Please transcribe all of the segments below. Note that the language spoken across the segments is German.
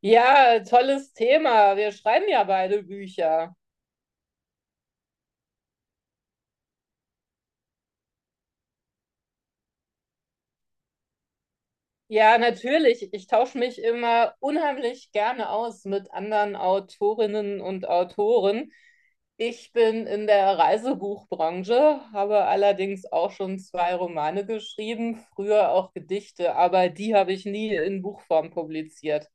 Ja, tolles Thema. Wir schreiben ja beide Bücher. Ja, natürlich. Ich tausche mich immer unheimlich gerne aus mit anderen Autorinnen und Autoren. Ich bin in der Reisebuchbranche, habe allerdings auch schon zwei Romane geschrieben, früher auch Gedichte, aber die habe ich nie in Buchform publiziert.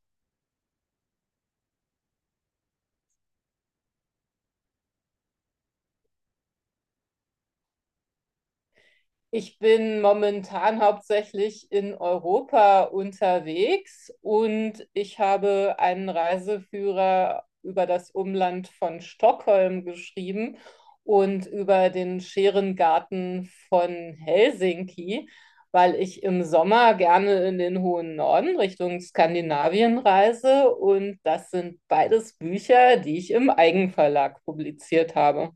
Ich bin momentan hauptsächlich in Europa unterwegs und ich habe einen Reiseführer über das Umland von Stockholm geschrieben und über den Scherengarten von Helsinki, weil ich im Sommer gerne in den hohen Norden Richtung Skandinavien reise, und das sind beides Bücher, die ich im Eigenverlag publiziert habe.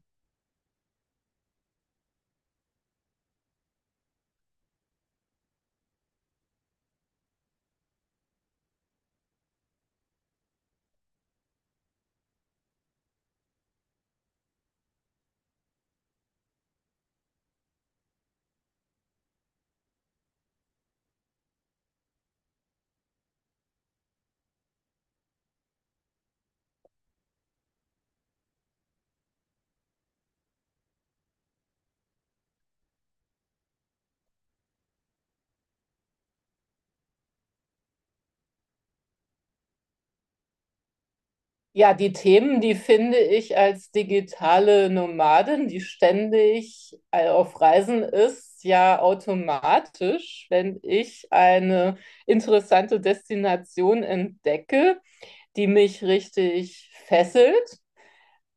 Ja, die Themen, die finde ich als digitale Nomadin, die ständig auf Reisen ist, ja automatisch. Wenn ich eine interessante Destination entdecke, die mich richtig fesselt,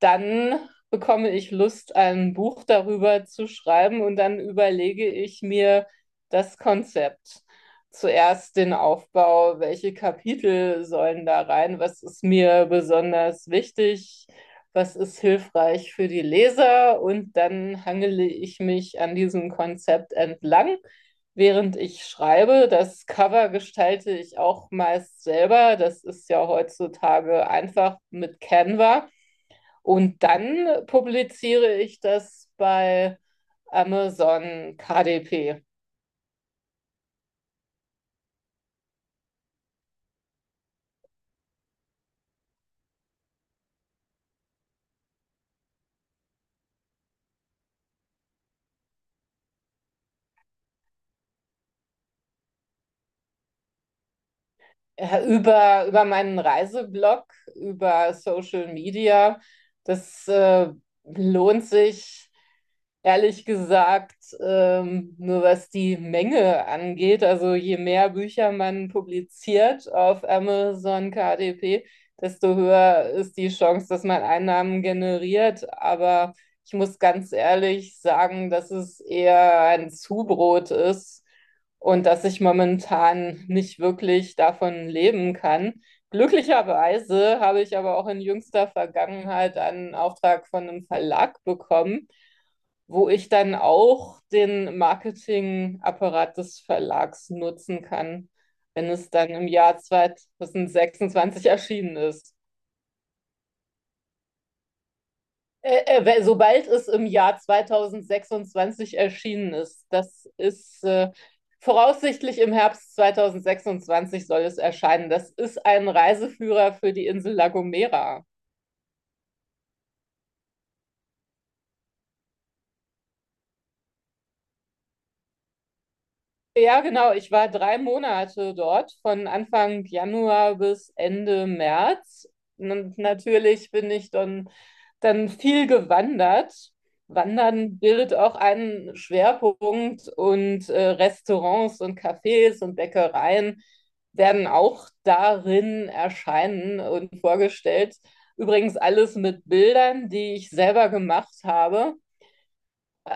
dann bekomme ich Lust, ein Buch darüber zu schreiben, und dann überlege ich mir das Konzept. Zuerst den Aufbau: welche Kapitel sollen da rein, was ist mir besonders wichtig, was ist hilfreich für die Leser, und dann hangele ich mich an diesem Konzept entlang, während ich schreibe. Das Cover gestalte ich auch meist selber, das ist ja heutzutage einfach mit Canva. Und dann publiziere ich das bei Amazon KDP. Ja, über meinen Reiseblog, über Social Media. Das lohnt sich, ehrlich gesagt, nur was die Menge angeht. Also, je mehr Bücher man publiziert auf Amazon KDP, desto höher ist die Chance, dass man Einnahmen generiert. Aber ich muss ganz ehrlich sagen, dass es eher ein Zubrot ist und dass ich momentan nicht wirklich davon leben kann. Glücklicherweise habe ich aber auch in jüngster Vergangenheit einen Auftrag von einem Verlag bekommen, wo ich dann auch den Marketingapparat des Verlags nutzen kann, wenn es dann im Jahr 2026 erschienen ist. Sobald es im Jahr 2026 erschienen ist, das ist voraussichtlich im Herbst 2026 soll es erscheinen. Das ist ein Reiseführer für die Insel La Gomera. Ja, genau. Ich war drei Monate dort, von Anfang Januar bis Ende März. Und natürlich bin ich dann viel gewandert. Wandern bildet auch einen Schwerpunkt, und Restaurants und Cafés und Bäckereien werden auch darin erscheinen und vorgestellt. Übrigens alles mit Bildern, die ich selber gemacht habe.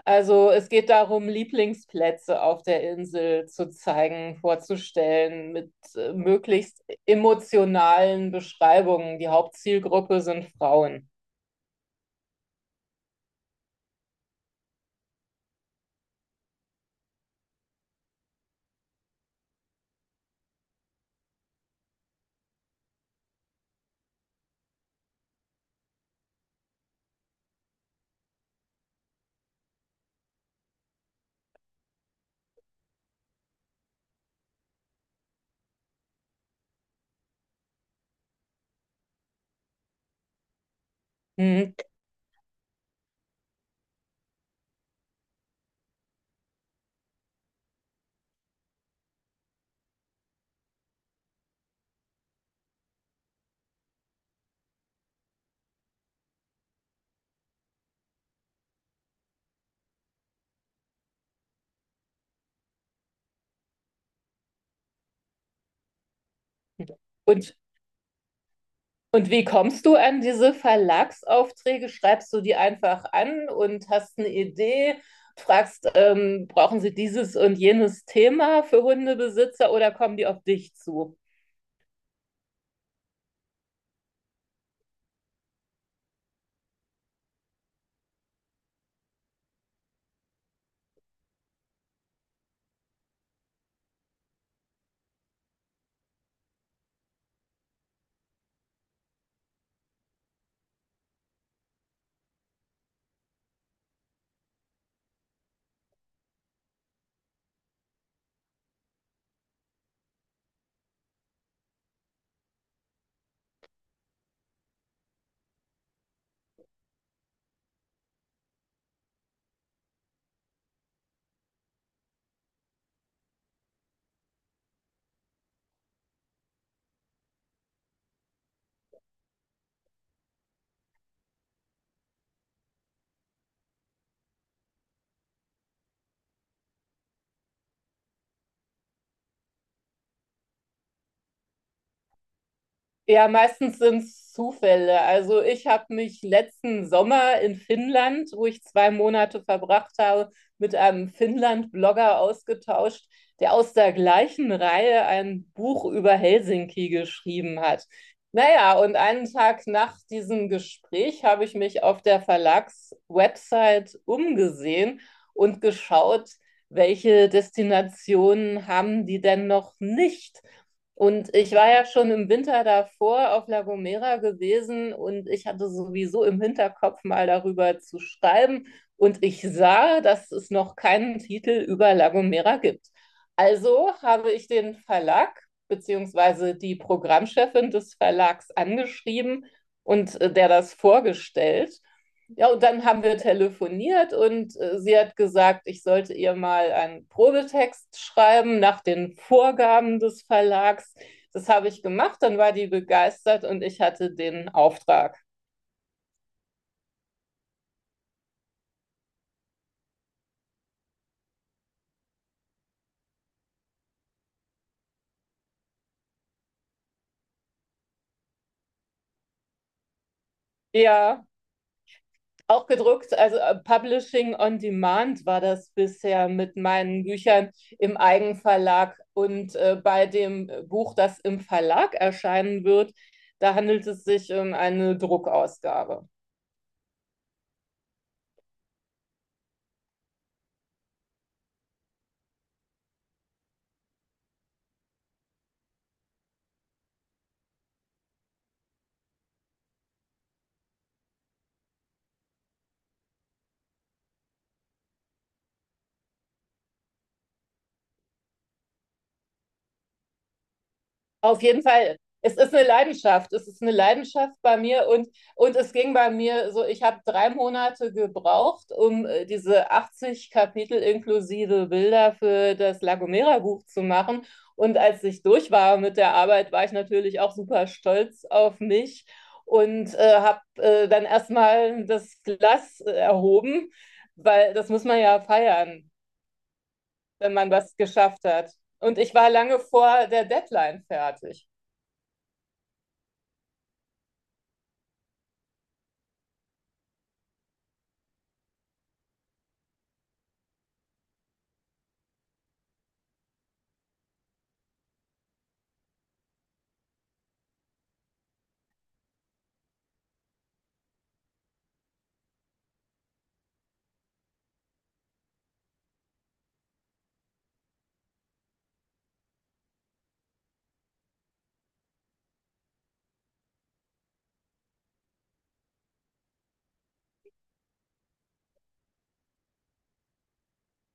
Also, es geht darum, Lieblingsplätze auf der Insel zu zeigen, vorzustellen, mit möglichst emotionalen Beschreibungen. Die Hauptzielgruppe sind Frauen. Mhm. Und, und wie kommst du an diese Verlagsaufträge? Schreibst du die einfach an und hast eine Idee? Fragst, brauchen sie dieses und jenes Thema für Hundebesitzer, oder kommen die auf dich zu? Ja, meistens sind es Zufälle. Also, ich habe mich letzten Sommer in Finnland, wo ich zwei Monate verbracht habe, mit einem Finnland-Blogger ausgetauscht, der aus der gleichen Reihe ein Buch über Helsinki geschrieben hat. Naja, und einen Tag nach diesem Gespräch habe ich mich auf der Verlagswebsite umgesehen und geschaut, welche Destinationen haben die denn noch nicht? Und ich war ja schon im Winter davor auf La Gomera gewesen, und ich hatte sowieso im Hinterkopf, mal darüber zu schreiben. Und ich sah, dass es noch keinen Titel über La Gomera gibt. Also habe ich den Verlag beziehungsweise die Programmchefin des Verlags angeschrieben und der das vorgestellt. Ja, und dann haben wir telefoniert, und sie hat gesagt, ich sollte ihr mal einen Probetext schreiben nach den Vorgaben des Verlags. Das habe ich gemacht, dann war die begeistert und ich hatte den Auftrag. Ja, auch gedruckt, also Publishing on Demand war das bisher mit meinen Büchern im Eigenverlag, und bei dem Buch, das im Verlag erscheinen wird, da handelt es sich um eine Druckausgabe. Auf jeden Fall. Es ist eine Leidenschaft. Es ist eine Leidenschaft bei mir, und es ging bei mir so: ich habe drei Monate gebraucht, um diese 80 Kapitel inklusive Bilder für das La Gomera Buch zu machen. Und als ich durch war mit der Arbeit, war ich natürlich auch super stolz auf mich und habe dann erstmal das Glas erhoben, weil das muss man ja feiern, wenn man was geschafft hat. Und ich war lange vor der Deadline fertig.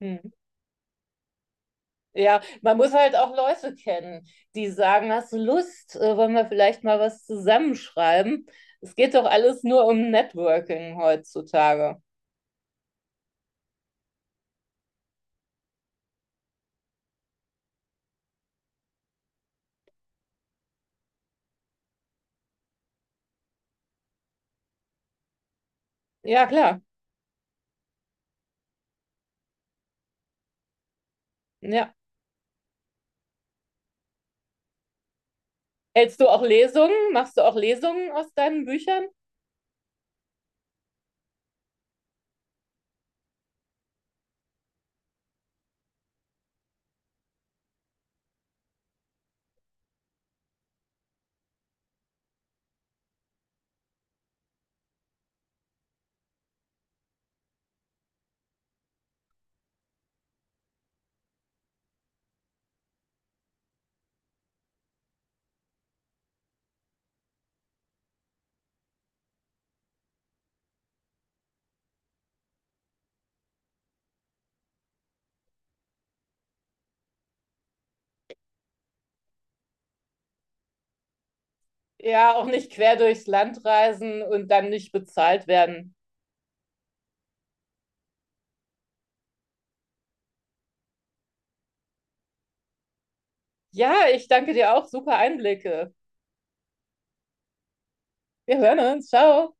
Hm. Ja, man muss halt auch Leute kennen, die sagen, hast du Lust, wollen wir vielleicht mal was zusammenschreiben? Es geht doch alles nur um Networking heutzutage. Ja, klar. Ja. Hältst du auch Lesungen? Machst du auch Lesungen aus deinen Büchern? Ja, auch nicht quer durchs Land reisen und dann nicht bezahlt werden. Ja, ich danke dir auch. Super Einblicke. Wir hören uns. Ciao.